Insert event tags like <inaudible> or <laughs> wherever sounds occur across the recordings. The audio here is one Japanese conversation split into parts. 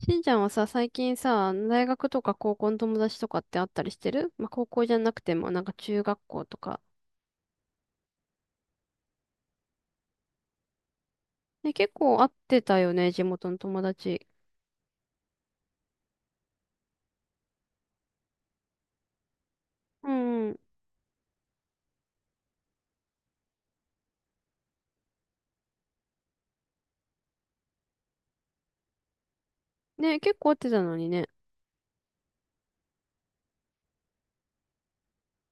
しんちゃんはさ、最近さ、大学とか高校の友達とかってあったりしてる、まあ、高校じゃなくても、なんか中学校とか。ね、結構会ってたよね、地元の友達。うん。ね、結構会ってたのにね。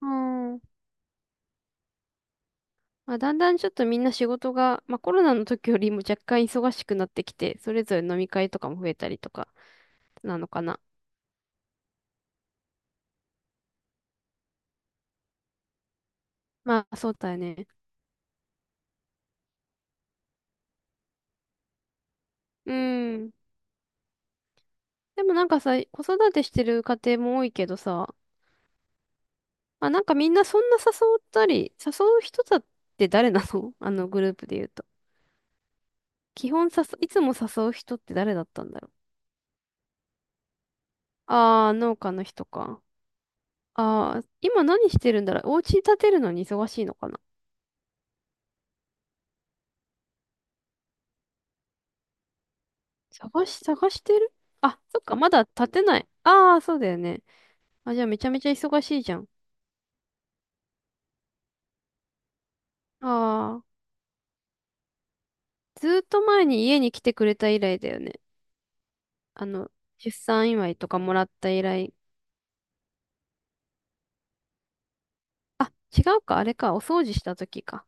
うん。まあ、だんだんちょっとみんな仕事が、まあ、コロナの時よりも若干忙しくなってきて、それぞれ飲み会とかも増えたりとか、なのかな。まあ、そうだよね。うん。でもなんかさ、子育てしてる家庭も多いけどさ、まあ、なんかみんなそんな誘ったり、誘う人だって誰なの？ <laughs> あのグループで言うと。基本誘、いつも誘う人って誰だったんだろう。ああ、農家の人か。ああ、今何してるんだろう。お家建てるのに忙しいのかな。探してる。あ、そっか、まだ建てない。ああ、そうだよね。あ、じゃあめちゃめちゃ忙しいじゃん。ああ、ずーっと前に家に来てくれた以来だよね。あの、出産祝いとかもらった以来。あ、違うか、あれか、お掃除した時か。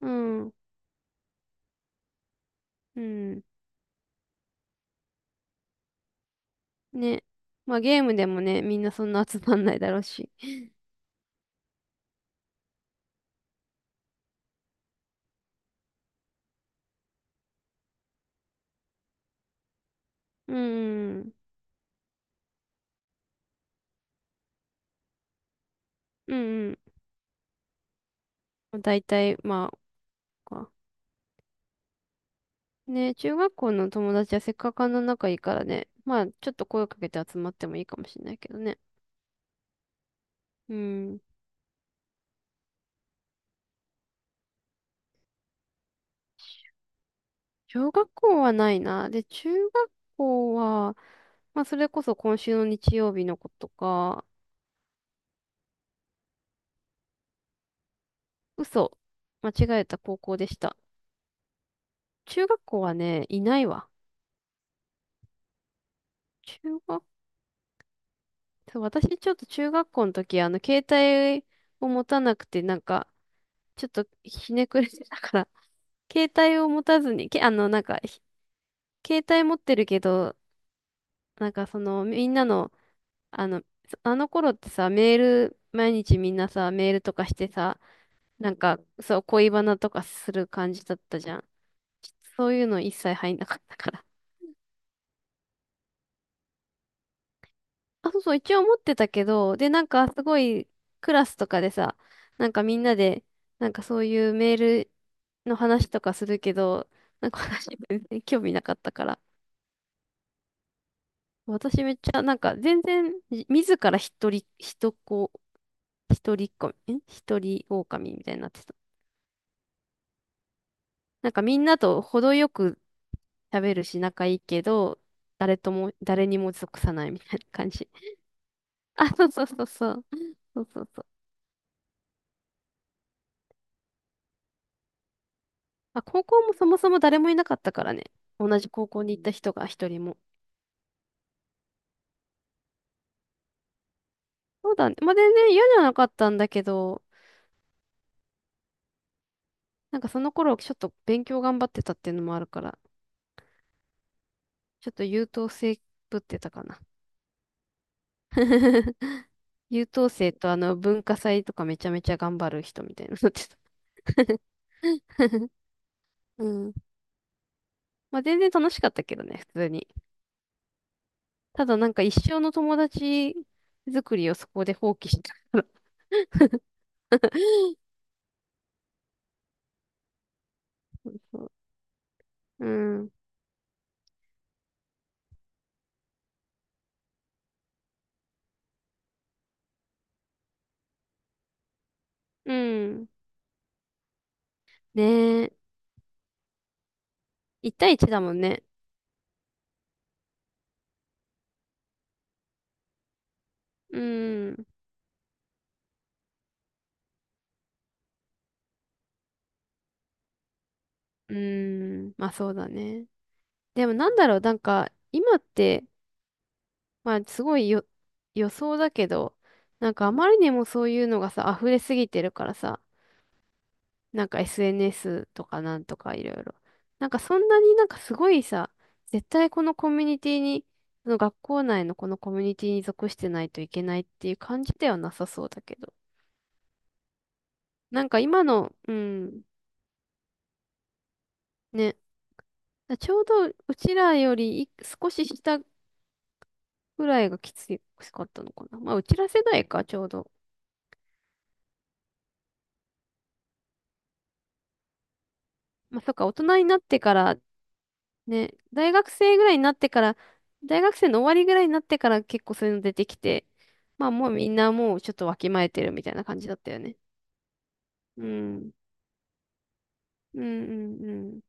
うん。うん。ね。まあゲームでもね、みんなそんな集まんないだろうし。<laughs> うん。うんうん。だいたい、まあ、かね、中学校の友達はせっかくあんな仲いいからね。まあ、ちょっと声をかけて集まってもいいかもしれないけどね。うん。小学校はないな。で、中学校は、まあ、それこそ今週の日曜日のことか、嘘、間違えた、高校でした。中学校はね、いないわ。中学、そう、私ちょっと中学校の時、あの、携帯を持たなくて、なんか、ちょっとひねくれてたから、<laughs> 携帯を持たずに、け、あの、なんか、ひ、携帯持ってるけど、なんかその、みんなの、あの、そ、あの頃ってさ、メール、毎日みんなさ、メールとかしてさ、なんか、そう、恋バナとかする感じだったじゃん。そういうの一切入んなかったから。あ、そうそう、一応持ってたけど、で、なんかすごいクラスとかでさ、なんかみんなで、なんかそういうメールの話とかするけど、なんか私全然興味なかったから。私めっちゃ、なんか全然、じ自ら一人、一子、一人っ子、ん、一人狼みたいになってた。なんかみんなと程よく喋るし仲いいけど、誰とも、誰にも属さないみたいな感じ。あ、そうそうそうそう。そうそうそう。まあ、高校もそもそも誰もいなかったからね。同じ高校に行った人が一人も。そうだね。まあ、全然嫌じゃなかったんだけど、なんかその頃ちょっと勉強頑張ってたっていうのもあるから、ちょっと優等生ぶってたかな。<laughs> 優等生とあの文化祭とかめちゃめちゃ頑張る人みたいになってた。<laughs> うん。まあ、全然楽しかったけどね、普通に。ただなんか一生の友達作りをそこで放棄したから。<laughs> そう、うん。うん。ねえ。1対1だもんね。うーん。うーん。まあそうだね。でもなんだろう、なんか今って、まあすごいよ予想だけど、なんかあまりにもそういうのがさ、溢れすぎてるからさ、なんか SNS とかなんとかいろいろ。なんかそんなになんかすごいさ、絶対このコミュニティに、その学校内のこのコミュニティに属してないといけないっていう感じではなさそうだけど。なんか今の、うん、ね。ちょうどうちらより少し下ぐらいがきつかったのかな。まあ、うちら世代か、ちょうど。まあ、そっか、大人になってから、ね、大学生ぐらいになってから、大学生の終わりぐらいになってから結構そういうの出てきて、まあ、もうみんなもうちょっとわきまえてるみたいな感じだったよね。うん。うんうん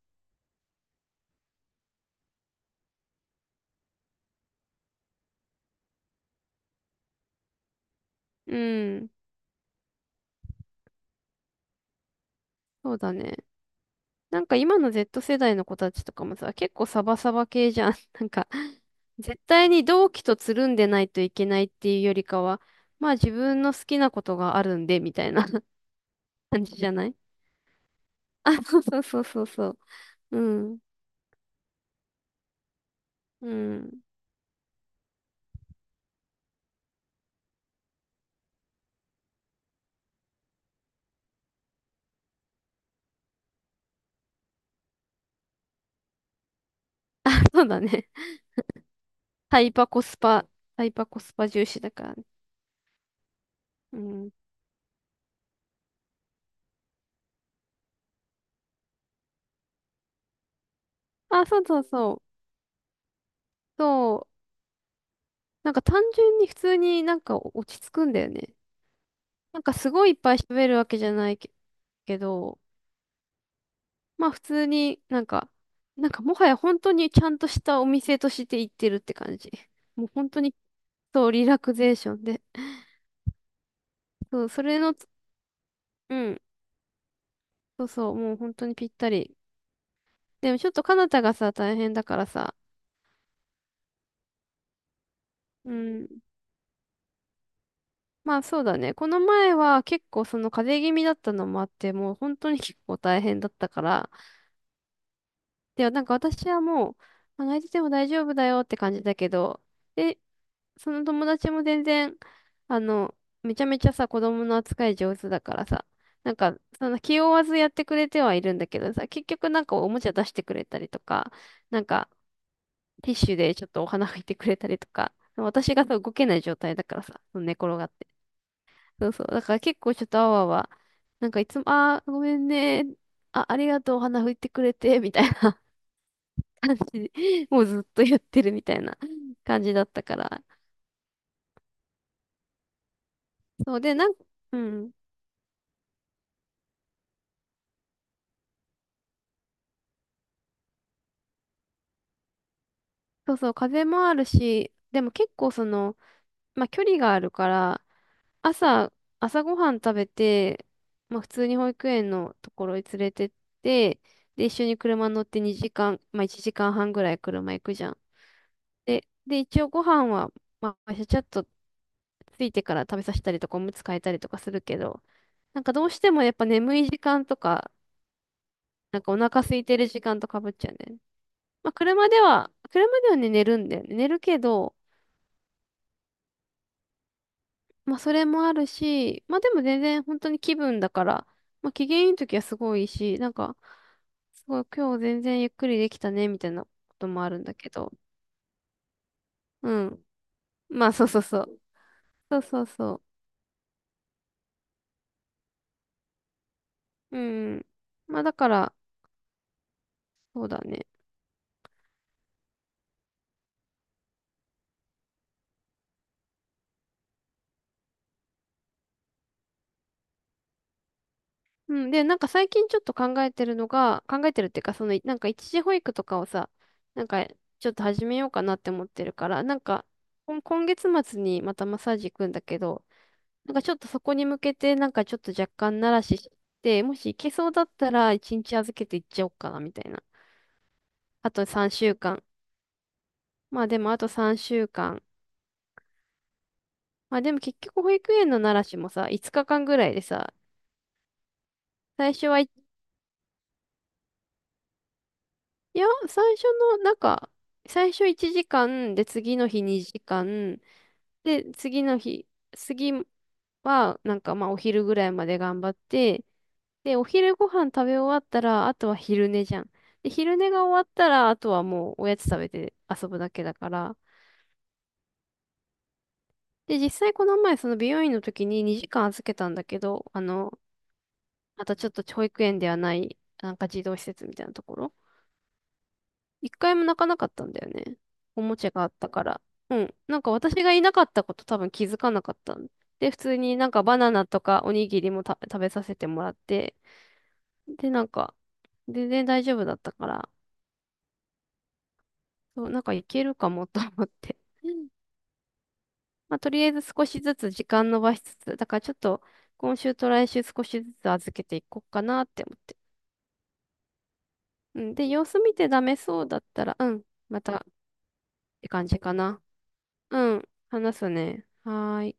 うん。うん。そうだね。なんか今の Z 世代の子たちとかもさ、結構サバサバ系じゃん。<laughs> なんか、絶対に同期とつるんでないといけないっていうよりかは、まあ自分の好きなことがあるんで、みたいな。感じじゃない？ <laughs> そうそうそうそう。うん。うん。<laughs> そうだね。タイパコスパ、タイパコスパ重視だからね。うん。あ、そうそうそう。そう。なんか単純に普通になんか落ち着くんだよね。なんかすごいいっぱい喋るわけじゃないけ、けど、まあ普通になんか、なんかもはや本当にちゃんとしたお店として行ってるって感じ。もう本当に、そうリラクゼーションで。そう、それのつ、うん。そうそう、もう本当にぴったり。でもちょっとカナタがさ、大変だからさ。うん。まあそうだね。この前は結構その風邪気味だったのもあって、もう本当に結構大変だったから。で、なんか私はもう、まあ泣いてても大丈夫だよって感じだけど、で、その友達も全然、あの、めちゃめちゃさ、子供の扱い上手だからさ、なんか、その気負わずやってくれてはいるんだけどさ、結局なんかおもちゃ出してくれたりとか、なんか、ティッシュでちょっとお花拭いてくれたりとか、私がさ動けない状態だからさ、寝転がって。そうそう。だから結構ちょっとあわあわ、なんかいつも、あー、ごめんね。あ、ありがとう、お花拭いてくれて、みたいな <laughs> 感じで、もうずっとやってるみたいな感じだったから。そうで、なんか、うん。そうそう、風もあるし、でも結構その、まあ距離があるから、朝、朝ごはん食べて、まあ普通に保育園のところに連れてって、で、一緒に車乗って2時間、まあ1時間半ぐらい車行くじゃん。で、で、一応ご飯は、まあちゃちゃっとついてから食べさせたりとか、おむつ替えたりとかするけど、なんかどうしてもやっぱ眠い時間とか、なんかお腹空いてる時間とかぶっちゃうんだよね。まあ車では、車ではね、寝るんだよね。寝るけど、まあ、それもあるし、まあ、でも全然本当に気分だから、まあ、機嫌いい時はすごいいいし、なんか、すごい今日全然ゆっくりできたね、みたいなこともあるんだけど。うん。まあ、そうそうそう。そうそうそう。うん。まあ、だから、そうだね。うん。で、なんか最近ちょっと考えてるのが、考えてるっていうか、その、なんか一時保育とかをさ、なんか、ちょっと始めようかなって思ってるから、なんか、こん今月末にまたマッサージ行くんだけど、なんかちょっとそこに向けて、なんかちょっと若干慣らしして、もし行けそうだったら1日預けて行っちゃおうかな、みたいな。あと3週間。まあでもあと3週間。まあでも結局保育園の慣らしもさ、5日間ぐらいでさ、最初はい、いや、最初の、なんか、最初1時間、で、次の日2時間、で、次の日、次は、なんかまあお昼ぐらいまで頑張って、で、お昼ご飯食べ終わったら、あとは昼寝じゃん。で、昼寝が終わったら、あとはもうおやつ食べて遊ぶだけだから。で、実際この前、その美容院の時に2時間預けたんだけど、あの、またちょっと保育園ではない、なんか児童施設みたいなところ。一回も泣かなかったんだよね。おもちゃがあったから。うん。なんか私がいなかったこと多分気づかなかったん。で、普通になんかバナナとかおにぎりもた食べさせてもらって、で、なんか、全然大丈夫だったから、そう、なんかいけるかもと思って。うん、まあ、とりあえず少しずつ時間延ばしつつ、だからちょっと今週と来週少しずつ預けていこうかなって思って。うん、で、様子見てダメそうだったら、うん、またって感じかな。うん、話すね。はーい。